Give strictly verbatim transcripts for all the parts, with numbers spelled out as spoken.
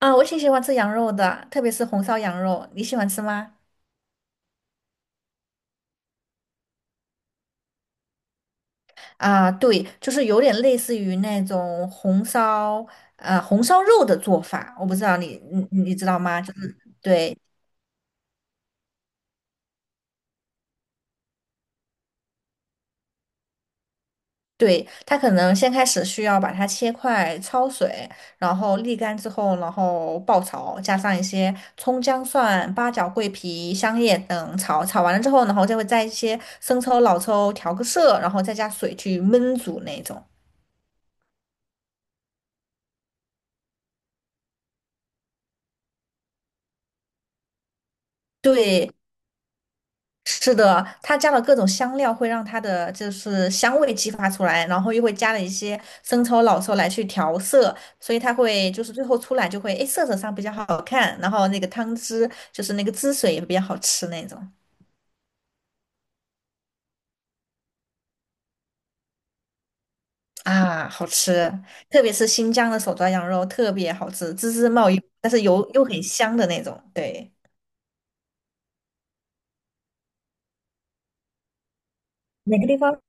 啊，我挺喜欢吃羊肉的，特别是红烧羊肉，你喜欢吃吗？啊，对，就是有点类似于那种红烧，呃，红烧肉的做法，我不知道你你你知道吗？就是对对，它可能先开始需要把它切块，焯水，然后沥干之后，然后爆炒，加上一些葱姜蒜、八角、桂皮、香叶等炒，炒完了之后，然后再会加一些生抽、老抽调个色，然后再加水去焖煮那种。对，是的，它加了各种香料，会让它的就是香味激发出来，然后又会加了一些生抽、老抽来去调色，所以它会就是最后出来就会，诶，色泽上比较好看，然后那个汤汁就是那个汁水也比较好吃那种啊，好吃，特别是新疆的手抓羊肉特别好吃，滋滋冒油，但是油又很香的那种，对。哪个地方？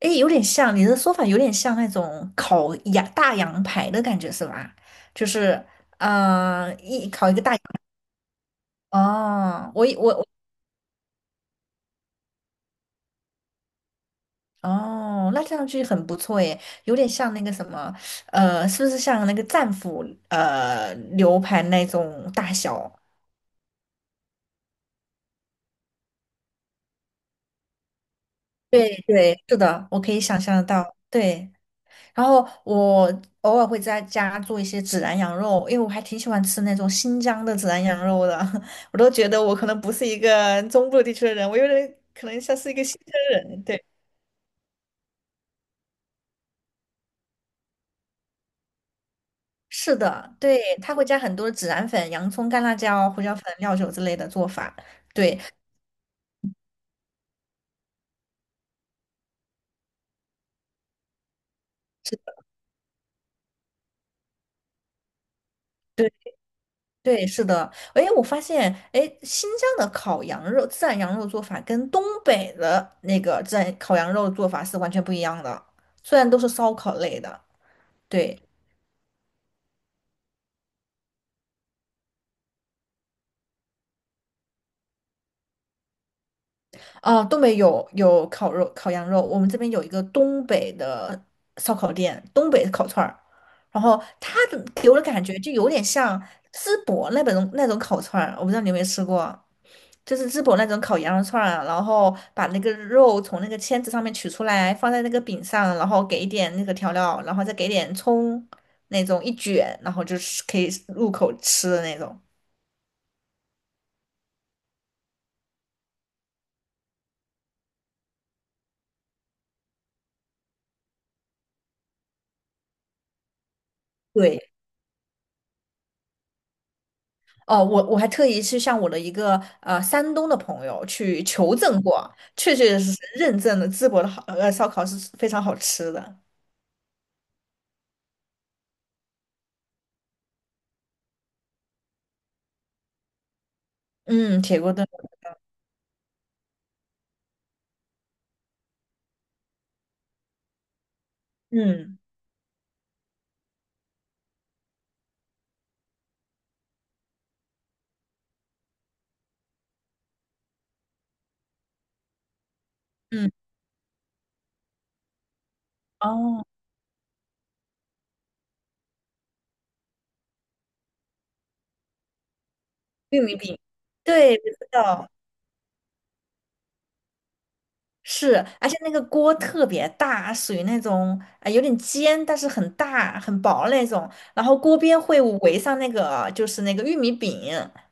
诶，有点像，你的说法有点像那种烤羊大羊排的感觉是吧？就是，嗯，一烤一个大羊。哦，我以我我哦，那这样剧很不错耶，有点像那个什么，呃，是不是像那个战斧呃牛排那种大小？对对，是的，我可以想象得到。对。然后我偶尔会在家做一些孜然羊肉，因为我还挺喜欢吃那种新疆的孜然羊肉的。我都觉得我可能不是一个中部地区的人，我有点可能像是一个新疆人。对，是的，对，他会加很多孜然粉、洋葱、干辣椒、胡椒粉、料酒之类的做法。对，是的，对，对，是的。哎，我发现，哎，新疆的烤羊肉、孜然羊肉做法跟东北的那个孜然烤羊肉做法是完全不一样的，虽然都是烧烤类的。对，啊，东北有有烤肉、烤羊肉，我们这边有一个东北的烧烤店，东北烤串儿，然后它的给我的感觉就有点像淄博那种那种烤串儿，我不知道你有没有吃过，就是淄博那种烤羊肉串儿啊，然后把那个肉从那个签子上面取出来，放在那个饼上，然后给一点那个调料，然后再给点葱，那种一卷，然后就是可以入口吃的那种。对，哦，我我还特意去向我的一个呃山东的朋友去求证过，确确实实认证了淄博的好呃烧烤是非常好吃的。嗯，铁锅炖嗯嗯，哦，玉米饼，对，我知道。是，而且那个锅特别大，属于那种啊、有点尖，但是很大很薄那种。然后锅边会围上那个就是那个玉米饼，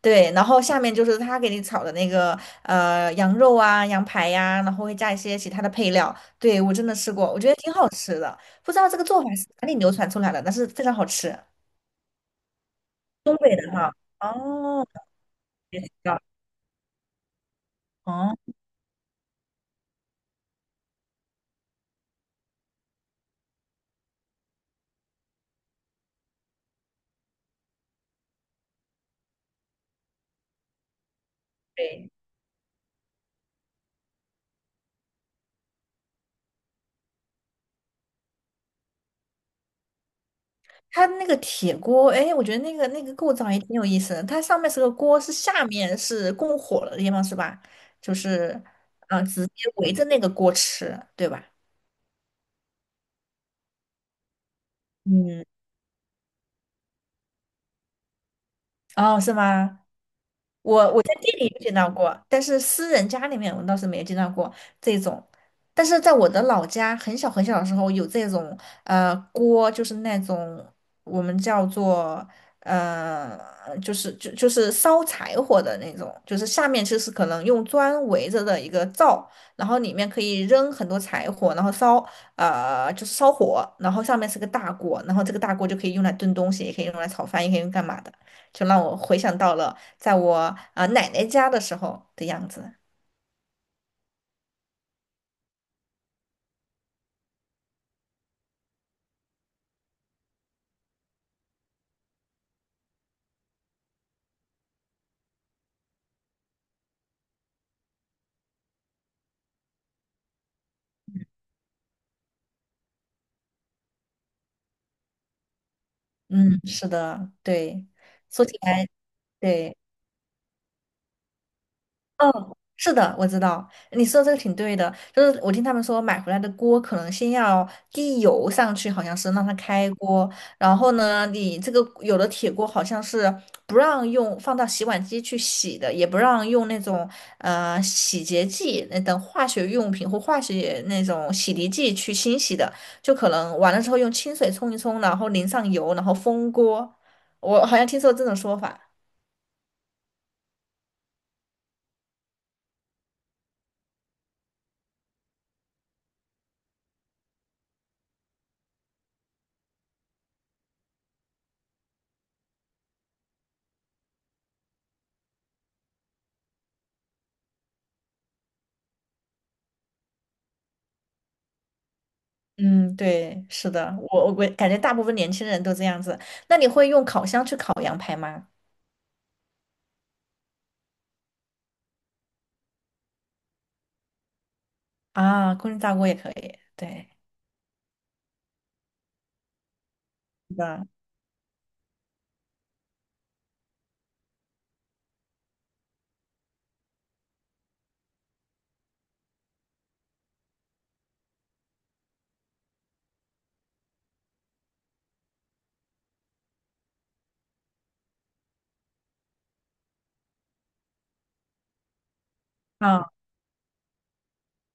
对，然后下面就是他给你炒的那个呃羊肉啊、羊排呀、然后会加一些其他的配料。对，我真的吃过，我觉得挺好吃的。不知道这个做法是哪里流传出来的，但是非常好吃。东北的哈，哦，也知道，哦，对。它那个铁锅，哎，我觉得那个那个构造也挺有意思的。它上面是个锅，是下面是供火的地方，是吧？就是，嗯、直接围着那个锅吃，对吧？嗯，哦，是吗？我我在店里有见到过，但是私人家里面我倒是没有见到过这种。但是在我的老家，很小很小的时候有这种呃锅，就是那种我们叫做呃，就是就就是烧柴火的那种，就是下面就是可能用砖围着的一个灶，然后里面可以扔很多柴火，然后烧呃就是烧火，然后上面是个大锅，然后这个大锅就可以用来炖东西，也可以用来炒饭，也可以用干嘛的。就让我回想到了。在我啊、呃奶奶家的时候的样子。嗯，是的，对，说起来，对。嗯，是的，我知道，你说这个挺对的。就是我听他们说，买回来的锅可能先要滴油上去，好像是让它开锅。然后呢，你这个有的铁锅好像是不让用放到洗碗机去洗的，也不让用那种呃洗洁剂那等化学用品或化学那种洗涤剂去清洗的，就可能完了之后用清水冲一冲，然后淋上油，然后封锅。我好像听说这种说法。嗯，对，是的，我我感觉大部分年轻人都这样子。那你会用烤箱去烤羊排吗？啊，空气炸锅也可以，对，是的，啊。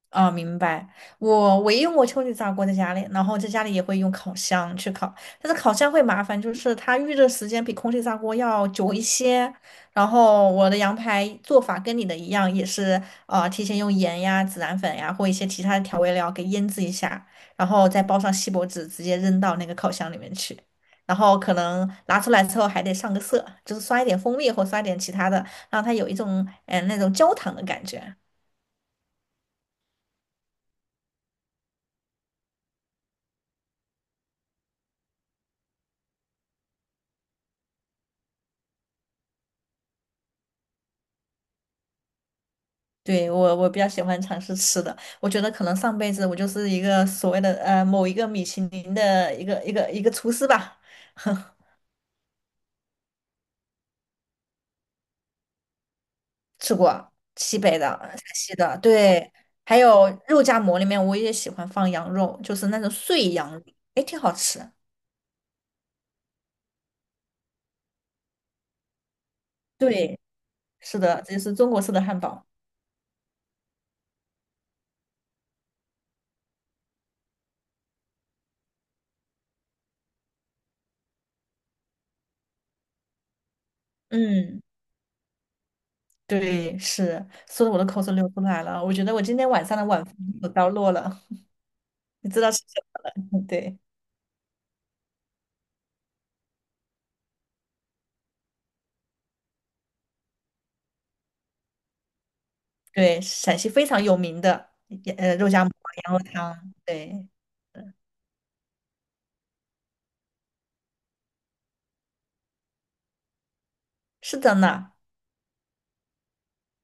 啊，明白。我唯一用过秋菊炸锅在家里，然后在家里也会用烤箱去烤，但是烤箱会麻烦，就是它预热时间比空气炸锅要久一些。然后我的羊排做法跟你的一样，也是呃提前用盐呀、孜然粉呀或一些其他的调味料给腌制一下，然后再包上锡箔纸，直接扔到那个烤箱里面去。然后可能拿出来之后还得上个色，就是刷一点蜂蜜或刷一点其他的，让它有一种嗯那种焦糖的感觉。对，我我比较喜欢尝试吃的，我觉得可能上辈子我就是一个所谓的呃某一个米其林的一个一个一个厨师吧，吃过西北的、陕西的，对，还有肉夹馍里面我也喜欢放羊肉，就是那种碎羊肉，哎，挺好吃。对，是的，这就是中国式的汉堡。嗯，对，是，说的我的口水流出来了，我觉得我今天晚上的晚饭有着落了，你知道是什么了？对。对，陕西非常有名的，呃，肉夹馍、羊肉汤。对，是的呢。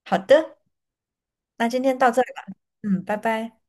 好的，那今天到这儿吧。嗯，拜拜。